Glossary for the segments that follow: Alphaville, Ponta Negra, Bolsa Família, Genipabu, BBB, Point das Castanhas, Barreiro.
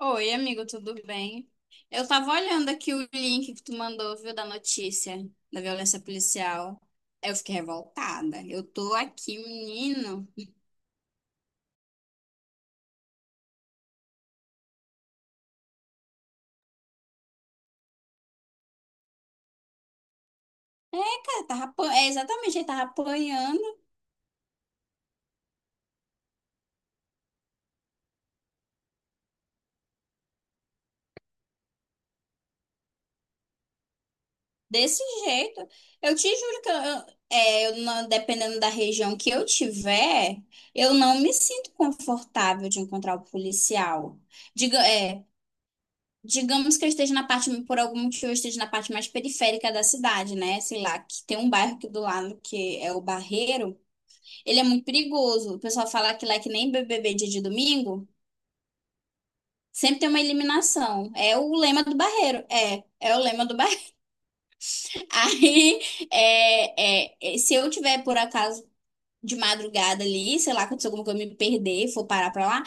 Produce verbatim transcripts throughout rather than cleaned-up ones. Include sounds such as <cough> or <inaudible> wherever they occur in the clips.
Oi, amigo, tudo bem? Eu tava olhando aqui o link que tu mandou, viu, da notícia da violência policial. Eu fiquei revoltada. Eu tô aqui, menino. Cara, tava apa- é, exatamente, ele tava apanhando desse jeito. Eu te juro que eu, eu- é, eu não- dependendo da região que eu tiver, eu não me sinto confortável de encontrar o policial. Diga, é. Digamos que eu esteja na parte, por algum motivo, eu esteja na parte mais periférica da cidade, né? Sei lá, que tem um bairro aqui do lado que é o Barreiro. Ele é muito perigoso. O pessoal fala que lá é que nem B B B dia de domingo, sempre tem uma eliminação. É o lema do Barreiro. É, é o lema do Barreiro. <laughs> Aí, é, é, é, se eu tiver, por acaso, de madrugada ali, sei lá, aconteceu alguma coisa, eu me perder, for parar pra lá.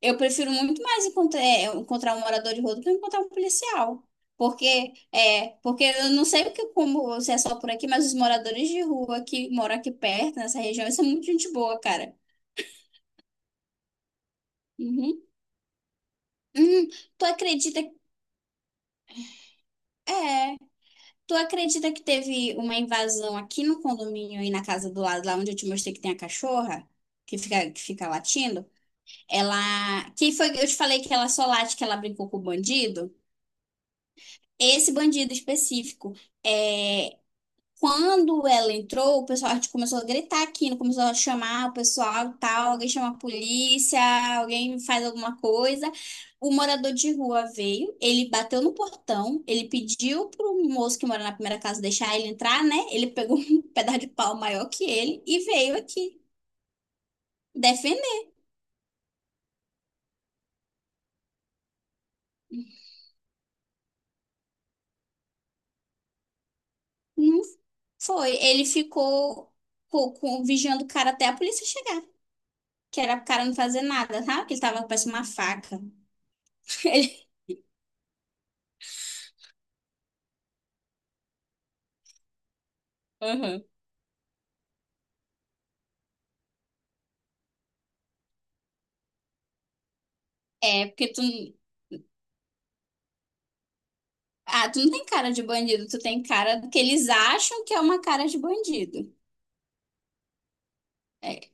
Eu prefiro muito mais encontrar, encontrar um morador de rua do que encontrar um policial. Porque, é, porque eu não sei o que, como se é só por aqui, mas os moradores de rua que moram aqui perto, nessa região, eles são muito gente boa, cara. Uhum. Hum, tu acredita, é, tu acredita que teve uma invasão aqui no condomínio, aí na casa do lado, lá onde eu te mostrei que tem a cachorra, que fica, que fica latindo? Ela, que foi, eu te falei que ela só late, que ela brincou com o bandido? Esse bandido específico. É, Quando ela entrou, o pessoal tipo, começou a gritar aqui, né? Começou a chamar o pessoal e tal, alguém chama a polícia, alguém faz alguma coisa. O morador de rua veio, ele bateu no portão, ele pediu pro moço que mora na primeira casa deixar ele entrar, né? Ele pegou <laughs> um pedaço de pau maior que ele e veio aqui defender. Não foi, ele ficou co- co- vigiando o cara até a polícia chegar, que era o cara não fazer nada, sabe? Que ele tava com parece uma faca. <laughs> Ele- Aham. É, porque tu ah, tu não tem cara de bandido, tu tem cara do que eles acham que é uma cara de bandido. É.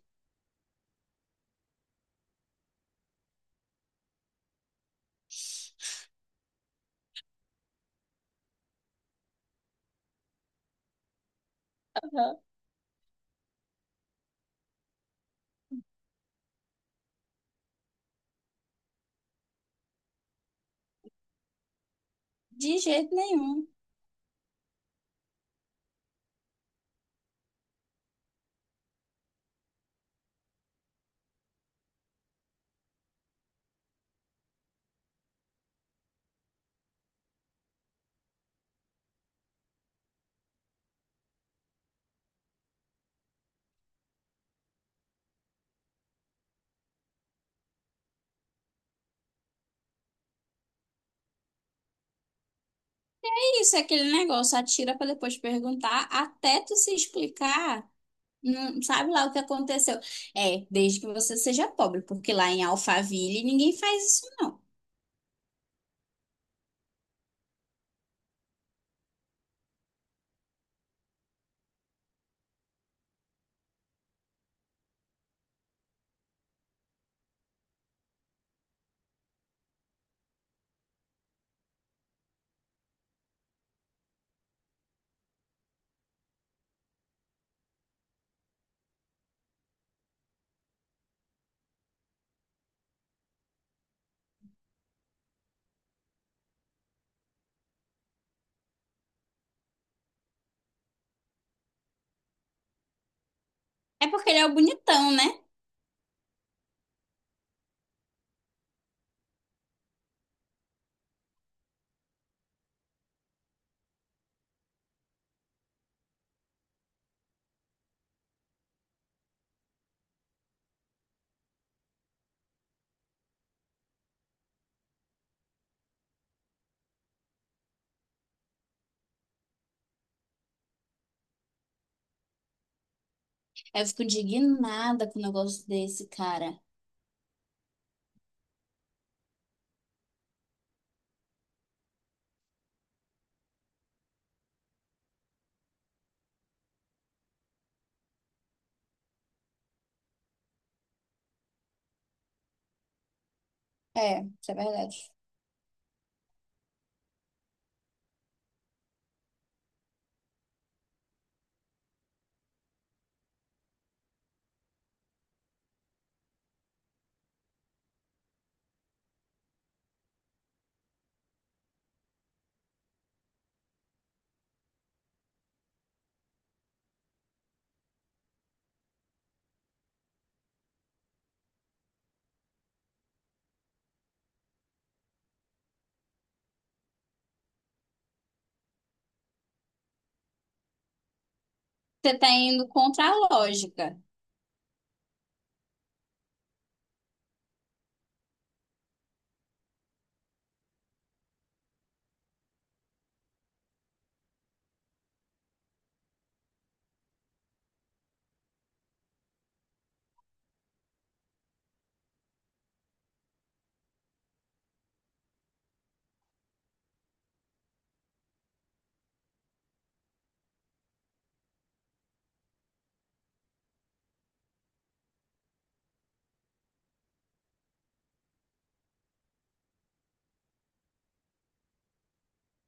Aham. De jeito nenhum. É. Isso é aquele negócio, atira pra depois perguntar, até tu se explicar, não sabe lá o que aconteceu. É, desde que você seja pobre, porque lá em Alphaville ninguém faz isso não. É porque ele é o bonitão, né? Eu fico indignada com um negócio desse, cara. É, isso é verdade. Você tá indo contra a lógica.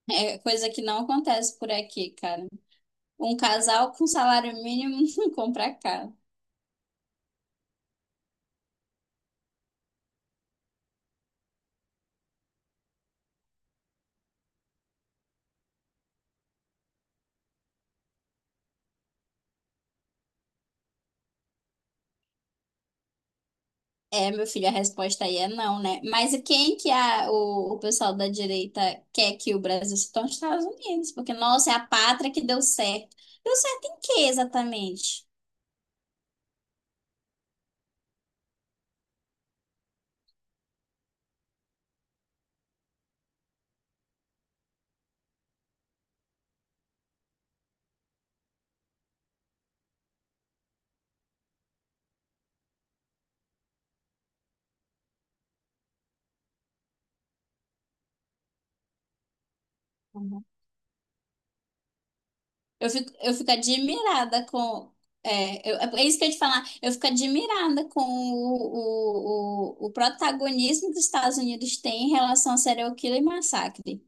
É coisa que não acontece por aqui, cara. Um casal com salário mínimo <laughs> não compra carro. É, meu filho, a resposta aí é não, né? Mas e quem que a, o, o pessoal da direita quer que o Brasil se torne os Estados Unidos? Porque, nossa, é a pátria que deu certo. Deu certo em quê, exatamente? Uhum. Eu fico, eu fico admirada com. É, eu- é isso que eu ia te falar. Eu fico admirada com o, o, o, o protagonismo que os Estados Unidos têm em relação a serial killer e massacre.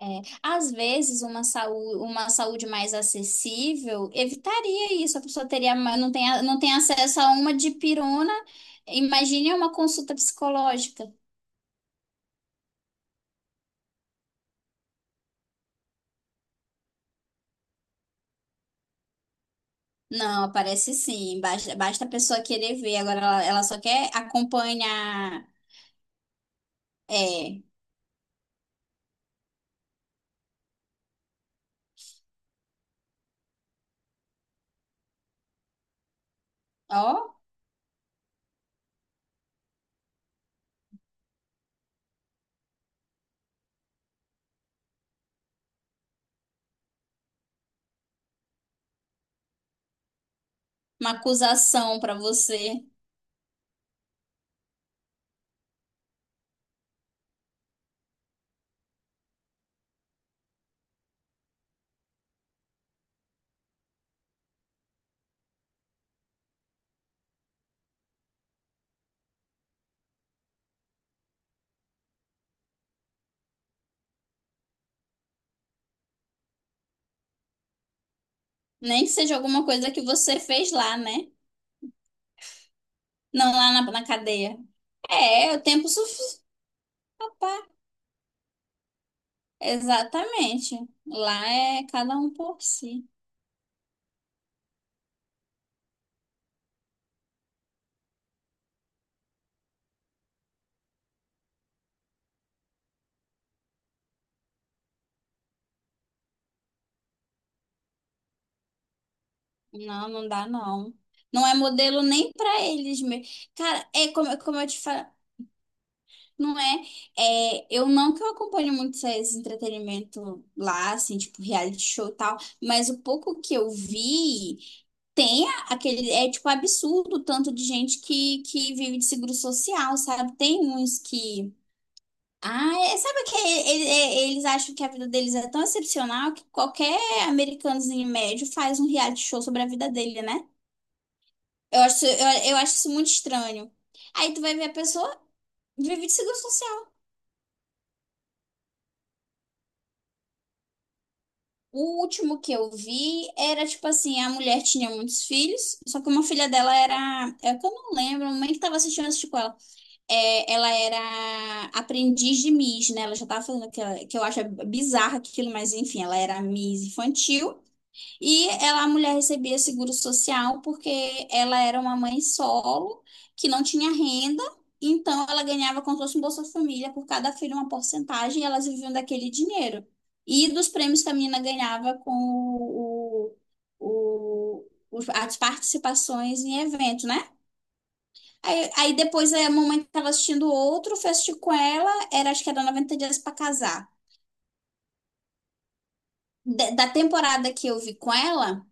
É, às vezes, uma saúde, uma saúde mais acessível evitaria isso. A pessoa teria, ma- não tem, a- não tem acesso a uma dipirona. Imagine uma consulta psicológica. Não, aparece sim. Basta, basta a pessoa querer ver. Agora, ela, ela só quer acompanhar. É, ó, uma acusação para você. Nem que seja alguma coisa que você fez lá, né? Não lá na, na cadeia. É, o tempo suficiente. Exatamente. Lá é cada um por si. Não, não dá não. Não é modelo nem pra eles mesmo. Cara, é como, é como eu te falo, não é, é, eu não que eu acompanho muito esse entretenimento lá, assim, tipo reality show e tal, mas o pouco que eu vi tem a- aquele, é tipo absurdo o tanto de gente que, que vive de seguro social, sabe? Tem uns que Ah, é- sabe que ele- ele- eles acham que a vida deles é tão excepcional que qualquer americanozinho médio faz um reality show sobre a vida dele, né? Eu acho, eu, eu acho isso muito estranho. Aí tu vai ver a pessoa vive de seguro social. O último que eu vi era tipo assim, a mulher tinha muitos filhos, só que uma filha dela era, é que eu não lembro, a mãe que tava assistindo assistiu com ela. É, ela era aprendiz de Miss, né? Ela já tava fazendo aquela, que eu acho bizarro aquilo, mas enfim, ela era Miss infantil. E ela, a mulher recebia seguro social porque ela era uma mãe solo, que não tinha renda, então ela ganhava como se fosse um Bolsa Família por cada filho uma porcentagem e elas viviam daquele dinheiro. E dos prêmios que a menina ganhava com o, o, o- os- as participações em eventos, né? Aí, aí depois a mamãe estava assistindo outro, fui assistir com ela, era, acho que era noventa dias para casar. Da da temporada que eu vi com ela.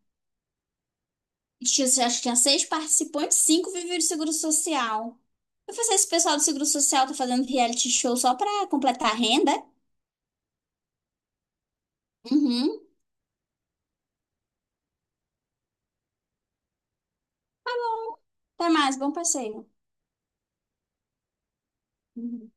Tinha, acho que tinha seis participantes, cinco viviam do seguro social. Eu falei, assim, esse pessoal do seguro social tá fazendo reality show só pra completar a renda? Uhum. Até mais, bom passeio. Uhum.